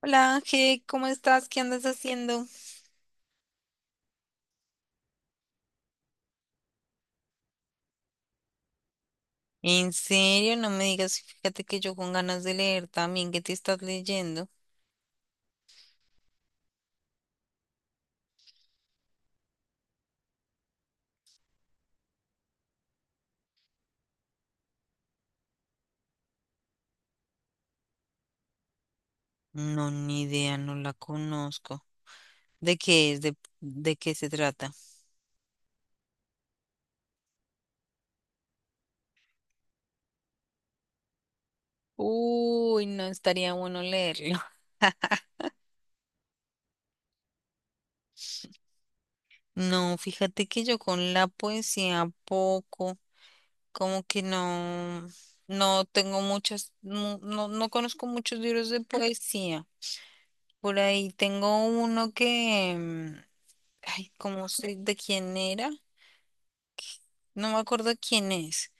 Hola Ángel, ¿cómo estás? ¿Qué andas haciendo? En serio, no me digas, fíjate que yo con ganas de leer también, ¿qué te estás leyendo? No, ni idea, no la conozco. ¿De qué es? ¿De qué se trata? Uy, no estaría bueno leerlo. No, fíjate que yo con la poesía poco, como que no, no tengo muchas, no, no conozco muchos libros de poesía. Por ahí tengo uno que... Ay, ¿cómo sé de quién era? No me acuerdo quién es,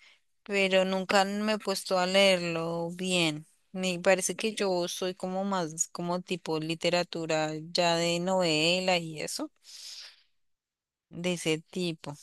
pero nunca me he puesto a leerlo bien. Me parece que yo soy como más, como tipo literatura ya de novela y eso, de ese tipo.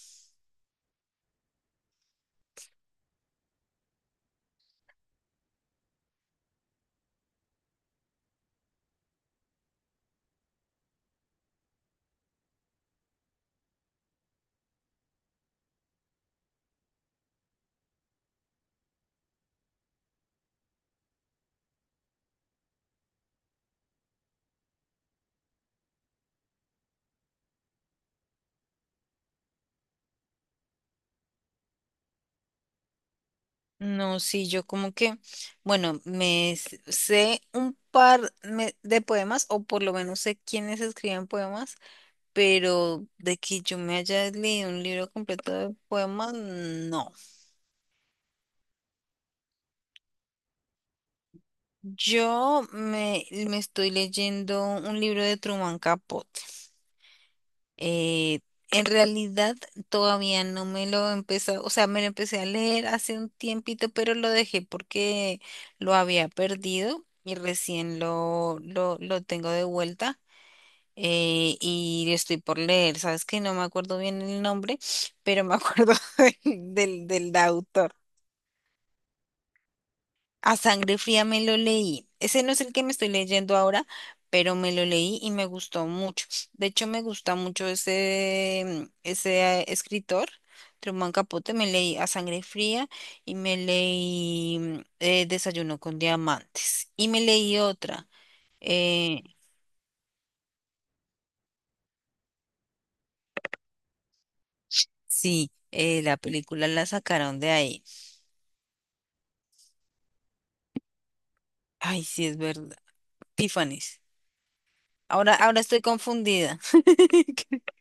No, sí, yo como que, bueno, sé un par de poemas, o por lo menos sé quiénes escriben poemas, pero de que yo me haya leído un libro completo de poemas, no. Me estoy leyendo un libro de Truman Capote. Eh, en realidad todavía no me lo empecé, o sea, me lo empecé a leer hace un tiempito, pero lo dejé porque lo había perdido y recién lo tengo de vuelta. Y estoy por leer, sabes que no me acuerdo bien el nombre, pero me acuerdo del autor. A sangre fría me lo leí. Ese no es el que me estoy leyendo ahora, pero me lo leí y me gustó mucho. De hecho, me gusta mucho ese escritor, Truman Capote. Me leí A sangre fría y me leí Desayuno con diamantes. Y me leí otra. eh, sí, la película la sacaron de ahí. Ay, sí, es verdad. Tiffany's. Ahora estoy confundida.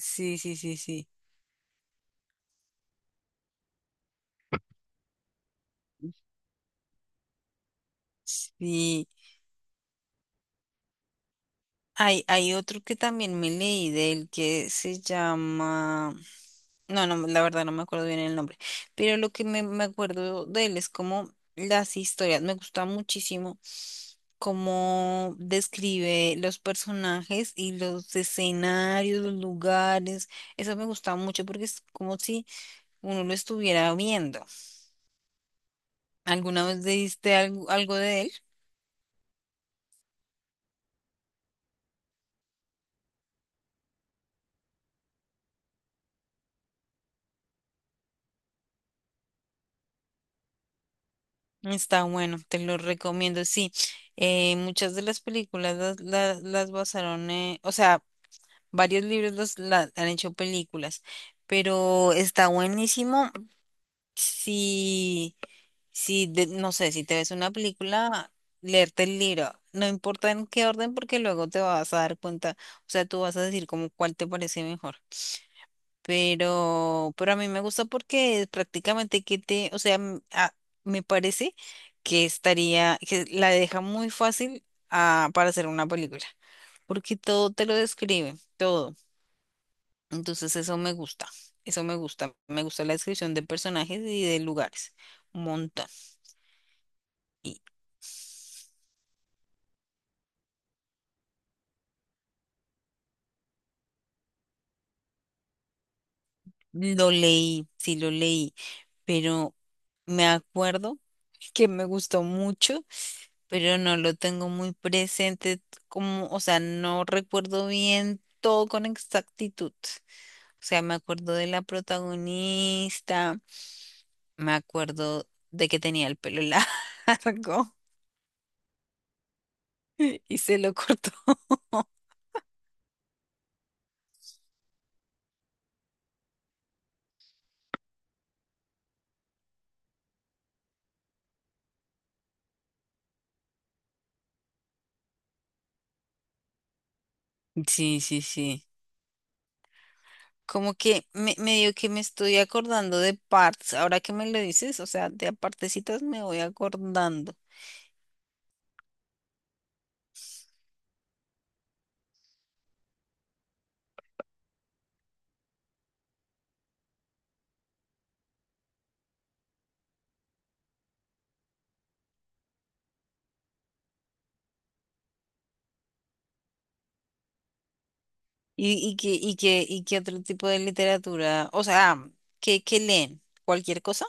Sí, sí, sí, sí. Sí. Hay otro que también me leí de él que se llama... No, no, la verdad no me acuerdo bien el nombre, pero lo que me acuerdo de él es como las historias. Me gusta muchísimo cómo describe los personajes y los escenarios, los lugares. Eso me gusta mucho porque es como si uno lo estuviera viendo. ¿Alguna vez leíste algo, algo de él? Está bueno, te lo recomiendo, sí. Muchas de las películas las basaron, o sea, varios libros han hecho películas, pero está buenísimo si, no sé, si te ves una película, leerte el libro, no importa en qué orden, porque luego te vas a dar cuenta, o sea, tú vas a decir como cuál te parece mejor, pero a mí me gusta porque prácticamente que te, o sea, me parece que estaría, que la deja muy fácil para hacer una película, porque todo te lo describe, todo. Entonces eso me gusta la descripción de personajes y de lugares, un montón. Y lo leí, sí lo leí, pero me acuerdo que me gustó mucho, pero no lo tengo muy presente como, o sea, no recuerdo bien todo con exactitud. O sea, me acuerdo de la protagonista, me acuerdo de que tenía el pelo largo y se lo cortó. Sí, sí, sí. Como que medio que me estoy acordando de partes, ahora que me lo dices, o sea, de a partecitas me voy acordando. ¿Y qué otro tipo de literatura? O sea, ¿qué leen? ¿Cualquier cosa?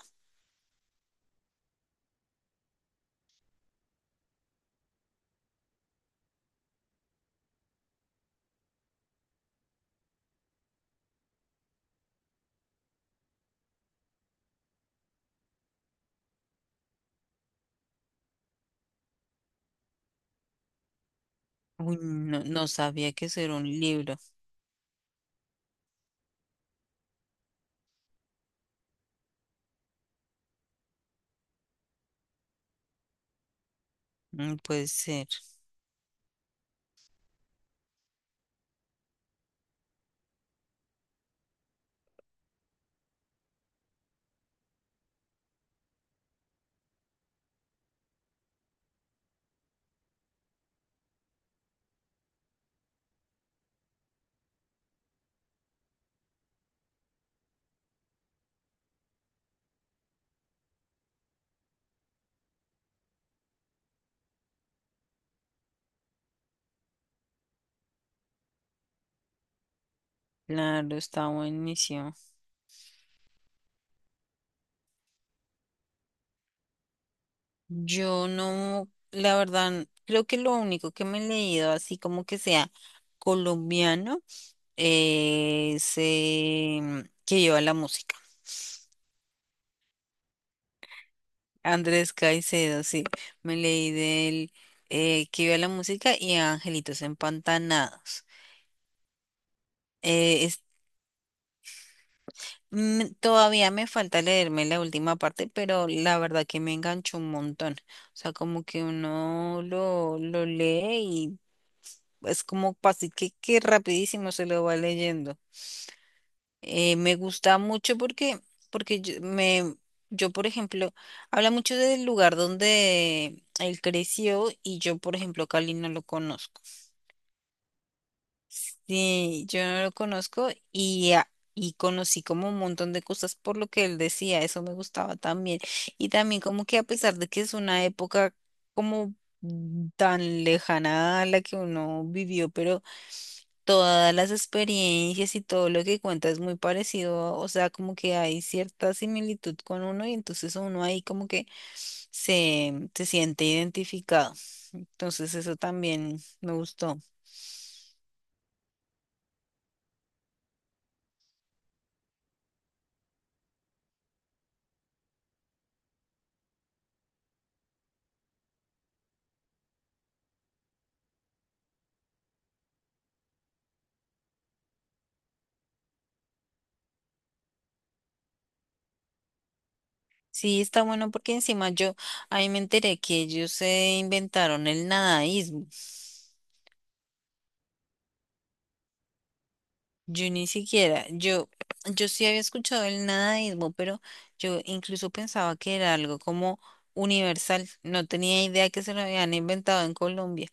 Uy, no, no sabía que eso era un libro. Mm, puede ser. Claro, está buenísimo. Yo no, la verdad, creo que lo único que me he leído, así como que sea colombiano, es que lleva la música. Andrés Caicedo, sí. Me leí del que lleva la música y Angelitos Empantanados. Mm, todavía me falta leerme la última parte, pero la verdad que me enganchó un montón. O sea, como que lo lee y es como fácil que rapidísimo se lo va leyendo. Me gusta mucho porque yo, por ejemplo, habla mucho del lugar donde él creció y yo, por ejemplo, Cali no lo conozco. Sí, yo no lo conozco y conocí como un montón de cosas por lo que él decía, eso me gustaba también. Y también como que a pesar de que es una época como tan lejana a la que uno vivió, pero todas las experiencias y todo lo que cuenta es muy parecido, o sea, como que hay cierta similitud con uno y entonces uno ahí como que se siente identificado. Entonces eso también me gustó. Sí, está bueno porque encima yo ahí me enteré que ellos se inventaron el nadaísmo. Yo ni siquiera, yo sí había escuchado el nadaísmo, pero yo incluso pensaba que era algo como universal. No tenía idea que se lo habían inventado en Colombia.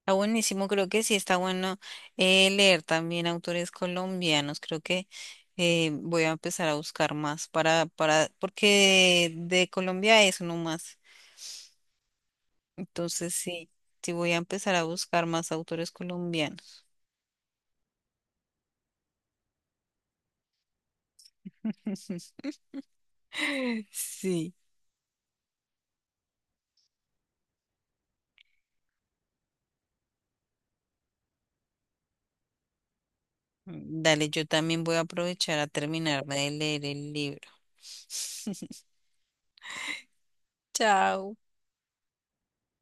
Está buenísimo, creo que sí está bueno leer también autores colombianos. Creo que voy a empezar a buscar más para, porque de Colombia es uno más. Entonces sí, sí voy a empezar a buscar más autores colombianos. Sí. Dale, yo también voy a aprovechar a terminarme de leer el libro. Chao.